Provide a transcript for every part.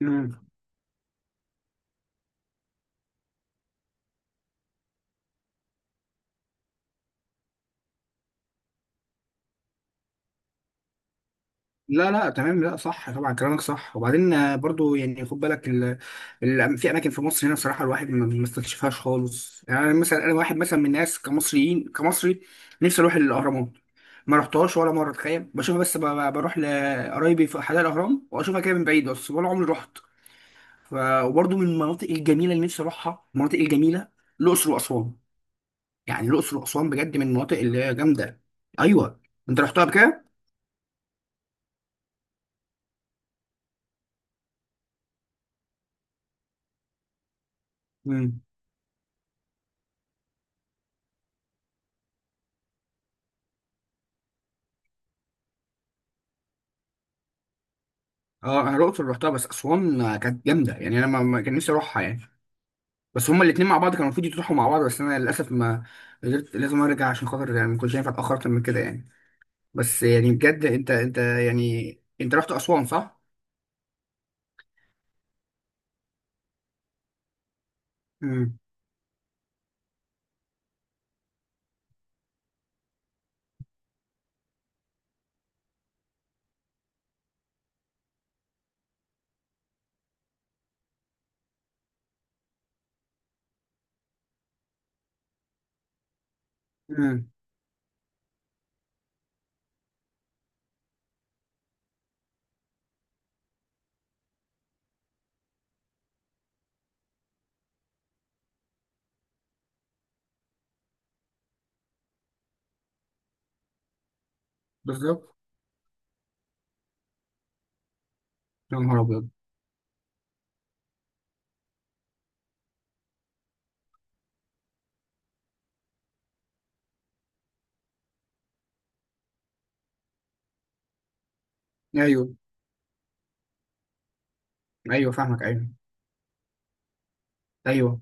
مم. لا لا، تمام. لا، صح، طبعا كلامك صح. وبعدين برضو يعني خد بالك في اماكن في مصر هنا بصراحه، الواحد ما استكشفهاش خالص يعني. أنا مثلا، واحد مثلا من الناس، كمصري، نفسي اروح الاهرامات. ما رحتهاش ولا مره، تخيل، بشوفها بس، بروح لقرايبي في حدائق الاهرام واشوفها كده من بعيد بس، ولا عمري رحت. ف... وبرضو من المناطق الجميله اللي نفسي اروحها، المناطق الجميله الاقصر واسوان. يعني الاقصر واسوان بجد من المناطق اللي هي جامده. ايوه. انت رحتها بكده؟ اه، انا الاقصر رحتها، بس اسوان كانت جامده يعني. انا ما كان نفسي اروحها يعني. بس هما الاثنين مع بعض كانوا المفروض يروحوا مع بعض، بس انا للاسف ما قدرت. لازم ارجع عشان خاطر يعني، ما كنتش ينفع اتاخر اكتر من كده يعني. بس يعني بجد، انت يعني، انت رحت اسوان صح؟ امم. امم. بالظبط. يا نهار ابيض. ايوه، ايوه، فاهمك، ايوه. ايوه.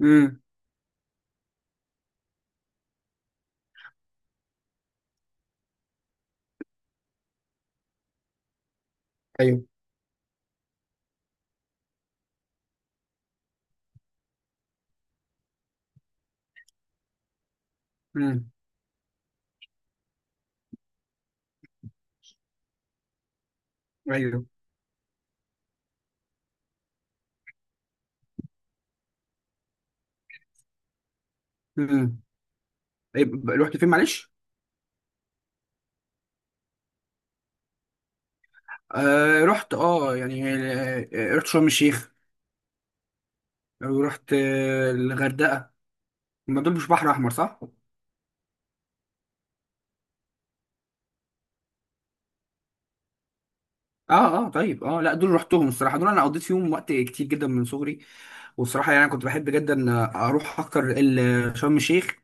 امم. ايوه. امم. ايوه. امم. طيب، رحت فين معلش؟ آه رحت اه يعني آه، آه، رحت شرم الشيخ، ورحت الغردقه. ما دول مش بحر احمر، صح؟ اه، اه، طيب، لا، دول رحتهم الصراحه. دول انا قضيت فيهم وقت كتير جدا من صغري. والصراحه يعني، انا كنت بحب جدا اروح اكتر شرم الشيخ،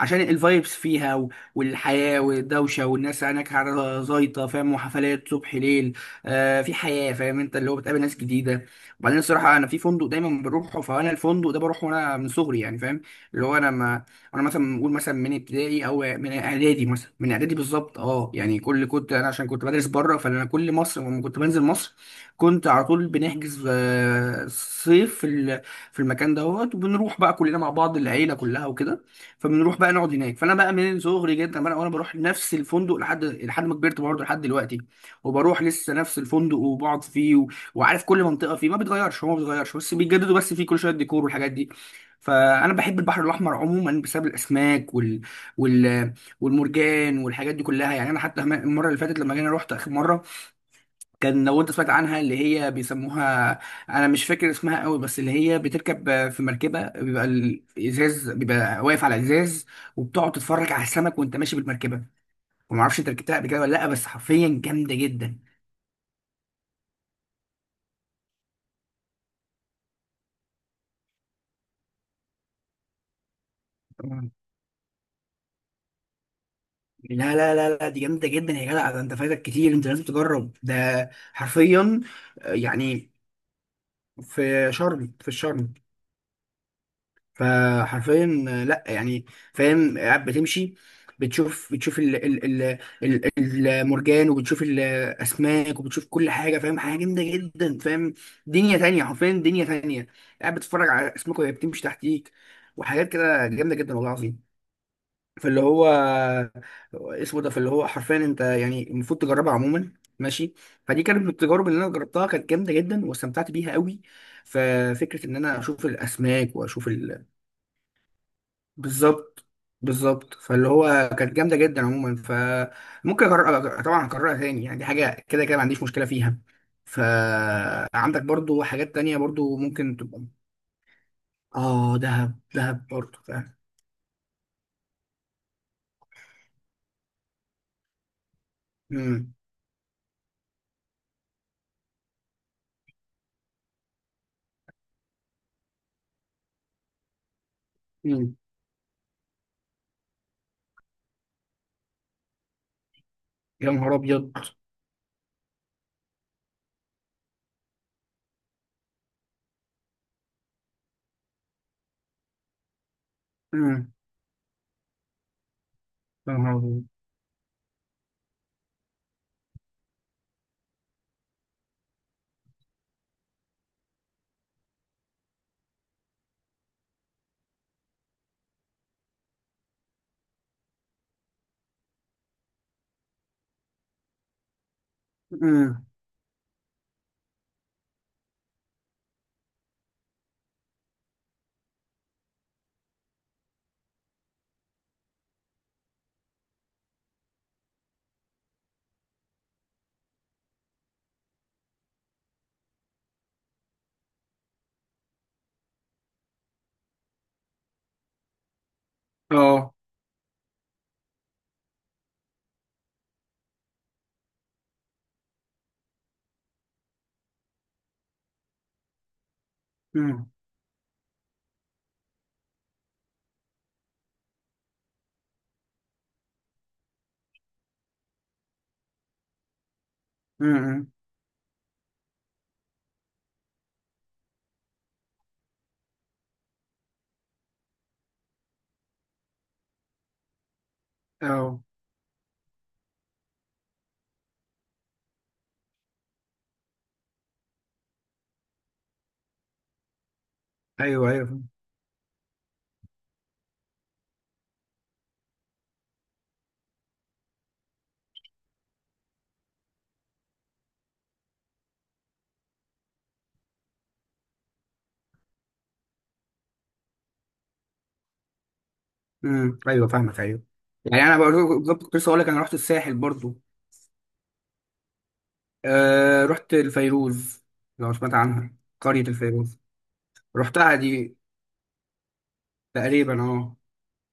عشان الفايبس فيها والحياة والدوشة، والناس هناك على زايطة، فاهم؟ وحفلات صبح ليل. في حياة، فاهم انت، اللي هو بتقابل ناس جديدة. وبعدين الصراحة، انا في فندق دايما بروحه، فانا الفندق ده بروحه وانا من صغري يعني، فاهم؟ اللي هو انا ما انا مثلا بقول، مثلا من ابتدائي او من اعدادي، مثلا من اعدادي بالظبط. اه يعني، كنت انا عشان كنت بدرس بره، فانا كل مصر لما كنت بنزل مصر كنت على طول بنحجز صيف في المكان دوت، وبنروح بقى كلنا مع بعض، العيلة كلها وكده. فبنروح بقى نقعد هناك. فانا بقى من صغري جدا بقى، وانا بروح نفس الفندق، لحد ما كبرت برضه لحد دلوقتي، وبروح لسه نفس الفندق وبقعد فيه. وعارف كل منطقه فيه. ما بيتغيرش، هو ما بيتغيرش، بس بيجددوا بس فيه كل شويه الديكور والحاجات دي. فانا بحب البحر الاحمر عموما، بسبب الاسماك وال... والمرجان والحاجات دي كلها يعني. انا حتى المره اللي فاتت لما جينا، رحت اخر مره، كان، لو انت سمعت عنها، اللي هي بيسموها، انا مش فاكر اسمها قوي، بس اللي هي بتركب في مركبه، بيبقى الازاز، بيبقى واقف على ازاز، وبتقعد تتفرج على السمك وانت ماشي بالمركبه. وما اعرفش انت ركبتها قبل كده ولا لا، بس حرفيا جامده جدا. مم. لا لا لا لا، دي جامده جدا يا جدع. ده انت فايتك كتير، انت لازم تجرب ده حرفيا يعني، في الشرم. فحرفيا، لا يعني، فاهم، قاعد بتمشي، بتشوف ال ال ال ال المرجان، وبتشوف الاسماك، وبتشوف كل حاجه، فاهم؟ حاجه جامده جدا، فاهم؟ دنيا تانية، حرفيا دنيا تانية. قاعد بتتفرج على اسماك وهي بتمشي تحتيك، وحاجات كده جامده جدا، والله العظيم. فاللي هو فاللي هو حرفيا انت يعني المفروض تجربها عموما، ماشي. فدي كانت من التجارب اللي انا جربتها، كانت جامده جدا واستمتعت بيها قوي. ففكره ان انا اشوف الاسماك واشوف ال بالظبط. بالظبط. فاللي هو كانت جامده جدا عموما. فممكن طبعا اكررها تاني يعني، دي حاجه كده كده ما عنديش مشكله فيها. فعندك برضو حاجات تانية برضو ممكن تبقى. اه، دهب، دهب برضو، فاهم. مم. مم. يا نهار ابيض. مم. يا نهار ابيض. مم. اه. مم. مم. اه. ايوه. ايوه. مم. ايوه، فاهمك، ايوه. يعني انا برضو بالظبط كنت لسه اقول لك، انا رحت الساحل برضو. رحت الفيروز، لو سمعت عنها، قرية الفيروز. رحتها دي تقريبا، اه.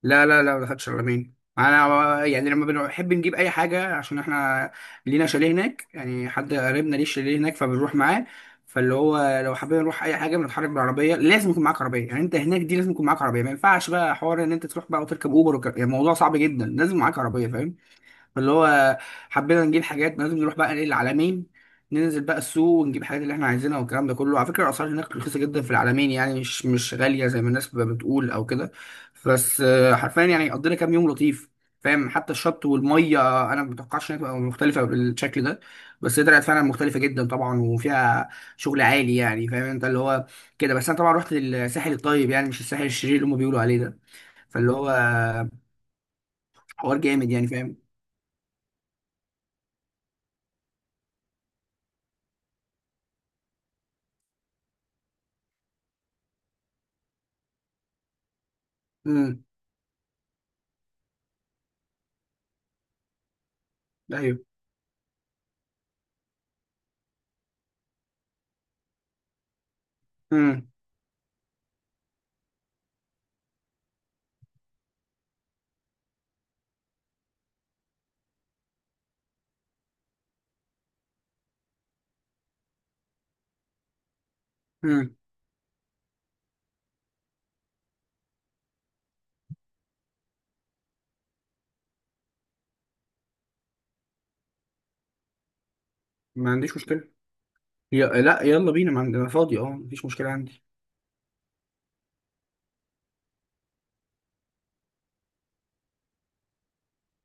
لا لا لا، ما دخلتش العلمين. انا يعني لما بنحب نجيب اي حاجة، عشان احنا لينا شاليه هناك يعني، حد قريبنا ليه شاليه هناك، فبنروح معاه. فاللي هو، لو حابين نروح اي حاجه، بنتحرك بالعربيه. لازم يكون معاك عربيه، يعني انت هناك دي لازم يكون معاك عربيه، ما ينفعش بقى حوار ان انت تروح بقى وتركب اوبر يعني الموضوع صعب جدا، لازم معاك عربيه، فاهم؟ اللي هو حبينا نجيب حاجات، لازم نروح بقى ايه، العلمين. ننزل بقى السوق ونجيب الحاجات اللي احنا عايزينها والكلام ده كله. على فكره الاسعار هناك رخيصه جدا في العلمين، يعني مش غاليه زي ما الناس بتبقى بتقول او كده. بس حرفيا يعني قضينا كام يوم لطيف، فاهم؟ حتى الشط والميه، انا ما متوقعش انها تبقى مختلفه بالشكل ده، بس هي طلعت فعلا مختلفه جدا طبعا. وفيها شغل عالي يعني، فاهم انت اللي هو كده. بس انا طبعا رحت للساحل الطيب، يعني مش الساحل الشرير اللي هم بيقولوا عليه ده. فاللي هو حوار جامد يعني، فاهم؟ امم. ايوه. مم. مم. ما عنديش مشكلة. لا يلا بينا، ما عندنا فاضي، اه، مفيش مشكلة عندي.